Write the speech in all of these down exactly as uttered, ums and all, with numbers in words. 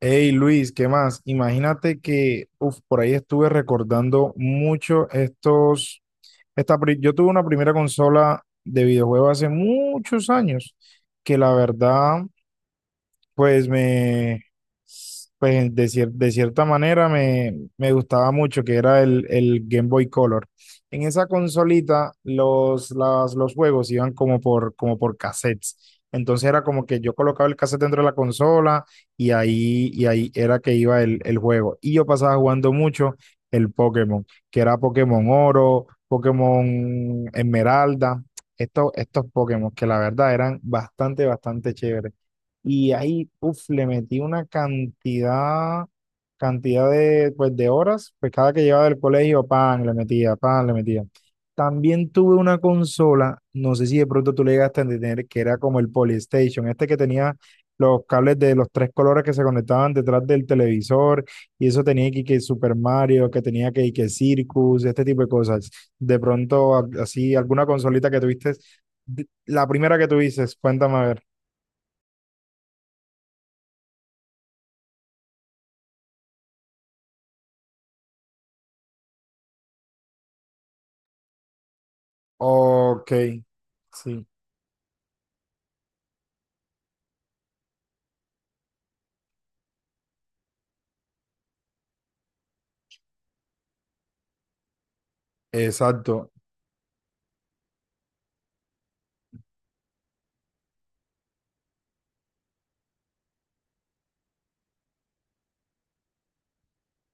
Hey Luis, ¿qué más? Imagínate que uf, por ahí estuve recordando mucho estos. Esta, pri- yo tuve una primera consola de videojuego hace muchos años, que la verdad pues me, pues de, cier- de cierta manera me, me gustaba mucho que era el, el Game Boy Color. En esa consolita los, las, los juegos iban como por, como por cassettes. Entonces era como que yo colocaba el cassette dentro de la consola y ahí, y ahí era que iba el, el juego. Y yo pasaba jugando mucho el Pokémon, que era Pokémon Oro, Pokémon Esmeralda, estos, estos Pokémon que la verdad eran bastante, bastante chéveres. Y ahí, uff, le metí una cantidad, cantidad de, pues, de horas, pues cada que llegaba del colegio, pan, le metía, pan, le metía. También tuve una consola, no sé si de pronto tú le llegaste a entender, que era como el Polystation, este que tenía los cables de los tres colores que se conectaban detrás del televisor, y eso tenía que, que Super Mario, que tenía que, que Circus, este tipo de cosas. De pronto, a- así, alguna consolita que tuviste, de- la primera que tuviste, cuéntame a ver. Ok, sí, exacto.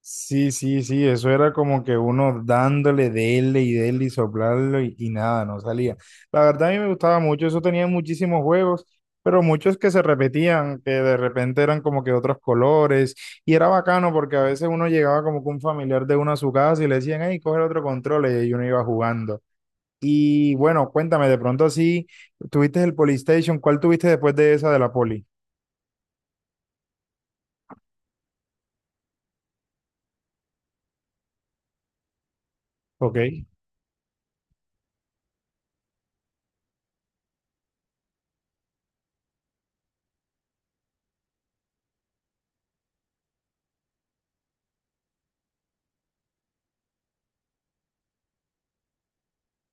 Sí, sí, sí, eso era como que uno dándole, dele y dele y soplarlo y, y nada, no salía. La verdad a mí me gustaba mucho, eso tenía muchísimos juegos, pero muchos que se repetían, que de repente eran como que otros colores y era bacano porque a veces uno llegaba como que un familiar de uno a su casa y le decían, hey, coge el otro control y ahí uno iba jugando. Y bueno, cuéntame, de pronto así, tuviste el Polystation, ¿cuál tuviste después de esa de la Poli? Ok,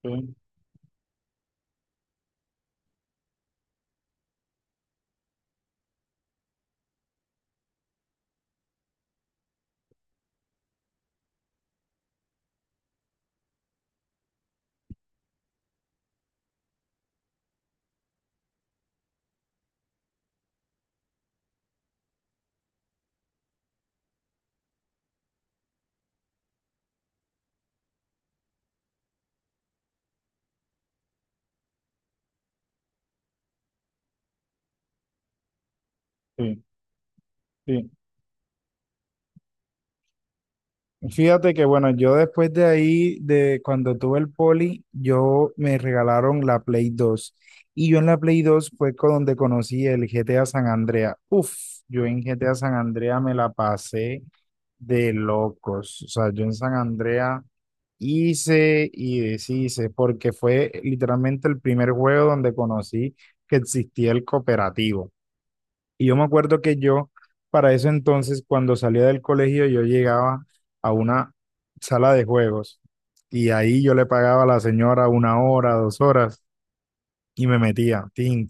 sí, sí. Sí. Fíjate que bueno, yo después de ahí, de cuando tuve el poli, yo me regalaron la Play dos. Y yo en la Play dos fue con donde conocí el G T A San Andrea. Uf, yo en G T A San Andrea me la pasé de locos. O sea, yo en San Andrea hice y deshice, porque fue literalmente el primer juego donde conocí que existía el cooperativo. Y yo me acuerdo que yo, para eso entonces, cuando salía del colegio, yo llegaba a una sala de juegos y ahí yo le pagaba a la señora una hora, dos horas y me metía, tin,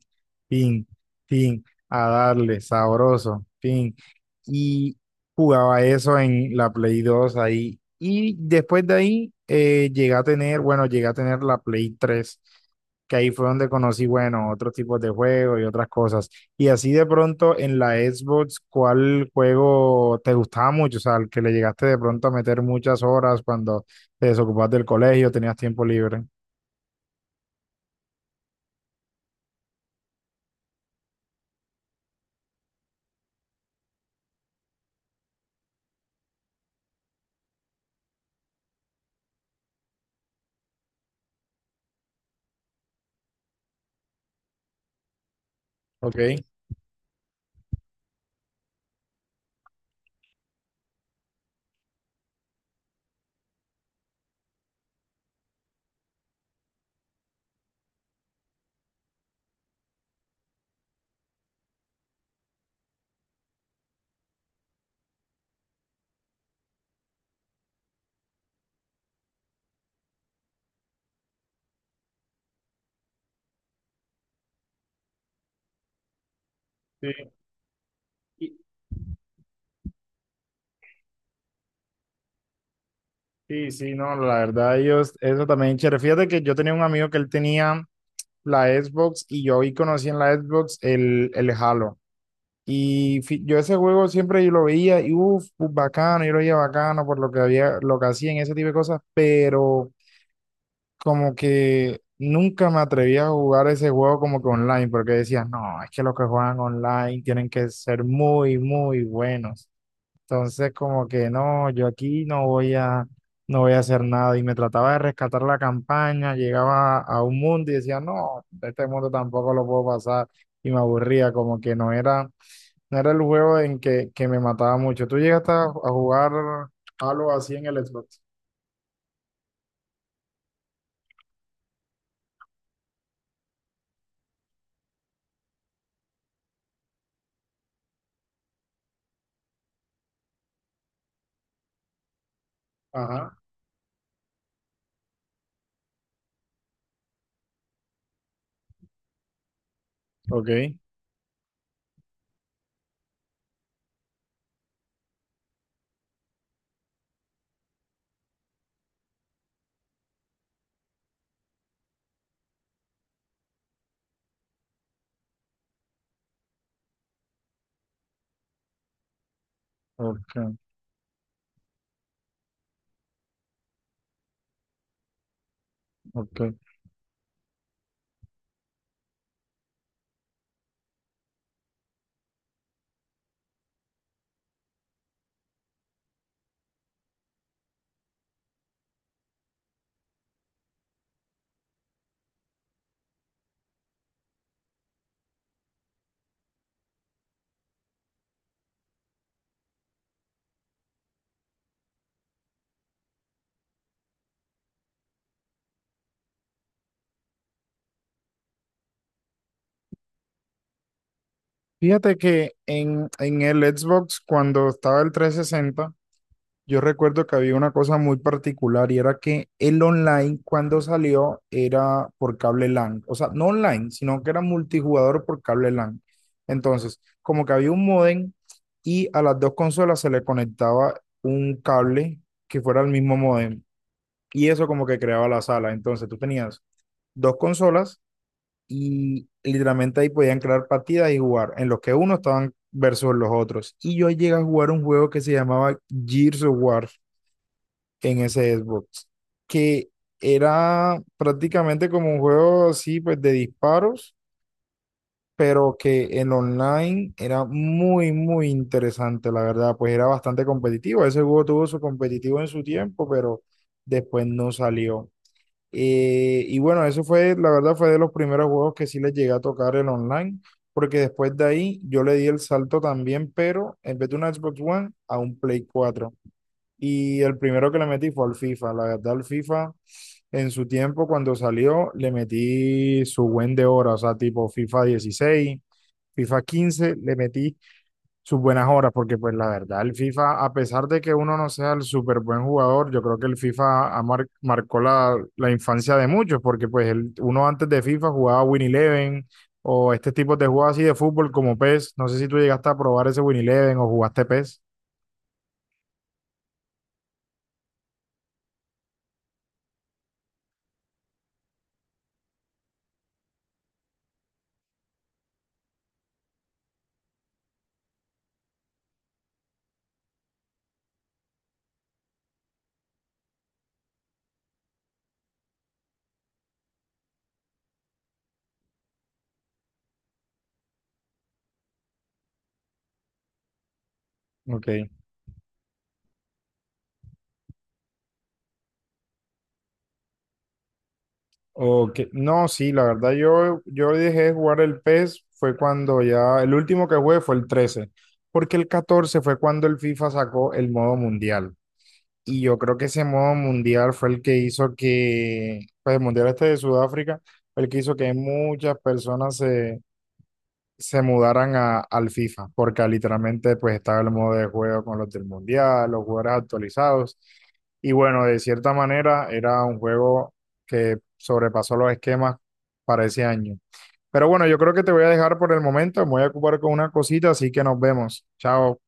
tin, tin, a darle, sabroso, tin. Y jugaba eso en la Play dos ahí. Y después de ahí eh, llegué a tener, bueno, llegué a tener la Play tres que ahí fue donde conocí, bueno, otros tipos de juegos y otras cosas. Y así de pronto en la Xbox, ¿cuál juego te gustaba mucho? O sea, al que le llegaste de pronto a meter muchas horas cuando te desocupabas del colegio, tenías tiempo libre. Ok. Sí. Y- Sí, sí, no, la verdad, ellos, eso también, chévere. Fíjate que yo tenía un amigo que él tenía la Xbox y yo ahí conocí en la Xbox el, el Halo. Y fi- yo ese juego siempre yo lo veía y uff, bacano, yo lo veía bacano por lo que había, lo que hacían, ese tipo de cosas, pero como que nunca me atreví a jugar ese juego como que online, porque decía, no, es que los que juegan online tienen que ser muy, muy buenos. Entonces, como que no, yo aquí no voy a, no voy a hacer nada. Y me trataba de rescatar la campaña, llegaba a un mundo y decía, no, este mundo tampoco lo puedo pasar. Y me aburría, como que no era, no era el juego en que, que me mataba mucho. ¿Tú llegaste a, a jugar algo así en el Xbox? Ajá. Ok, ok, ok. Fíjate que en, en el Xbox, cuando estaba el trescientos sesenta, yo recuerdo que había una cosa muy particular y era que el online cuando salió era por cable LAN, o sea, no online, sino que era multijugador por cable LAN. Entonces, como que había un modem y a las dos consolas se le conectaba un cable que fuera el mismo modem y eso como que creaba la sala. Entonces, tú tenías dos consolas y literalmente ahí podían crear partidas y jugar en los que uno estaban versus los otros. Y yo llegué a jugar un juego que se llamaba Gears of War en ese Xbox, que era prácticamente como un juego así, pues de disparos, pero que el online era muy, muy interesante, la verdad, pues era bastante competitivo. Ese juego tuvo su competitivo en su tiempo, pero después no salió. Eh, y bueno, eso fue, la verdad, fue de los primeros juegos que sí les llegué a tocar el online. Porque después de ahí yo le di el salto también, pero en vez de una Xbox One, a un Play cuatro y el primero que le metí fue al FIFA. La verdad, al FIFA, en su tiempo, cuando salió, le metí su buen de horas, o sea, tipo FIFA dieciséis, FIFA quince le metí sus buenas horas, porque pues la verdad, el FIFA, a pesar de que uno no sea el súper buen jugador, yo creo que el FIFA ha mar- marcó la, la infancia de muchos, porque pues el, uno antes de FIFA jugaba Win Eleven o este tipo de juegos así de fútbol como PES. No sé si tú llegaste a probar ese Win Eleven o jugaste PES. Ok. Ok, no, sí, la verdad yo, yo dejé de jugar el PES fue cuando ya, el último que jugué fue el trece porque el catorce fue cuando el FIFA sacó el modo mundial. Y yo creo que ese modo mundial fue el que hizo que, pues el mundial este de Sudáfrica, fue el que hizo que muchas personas se mudaran a, al FIFA, porque literalmente pues estaba el modo de juego con los del Mundial, los jugadores actualizados, y bueno, de cierta manera era un juego que sobrepasó los esquemas para ese año. Pero bueno, yo creo que te voy a dejar por el momento, me voy a ocupar con una cosita, así que nos vemos. Chao.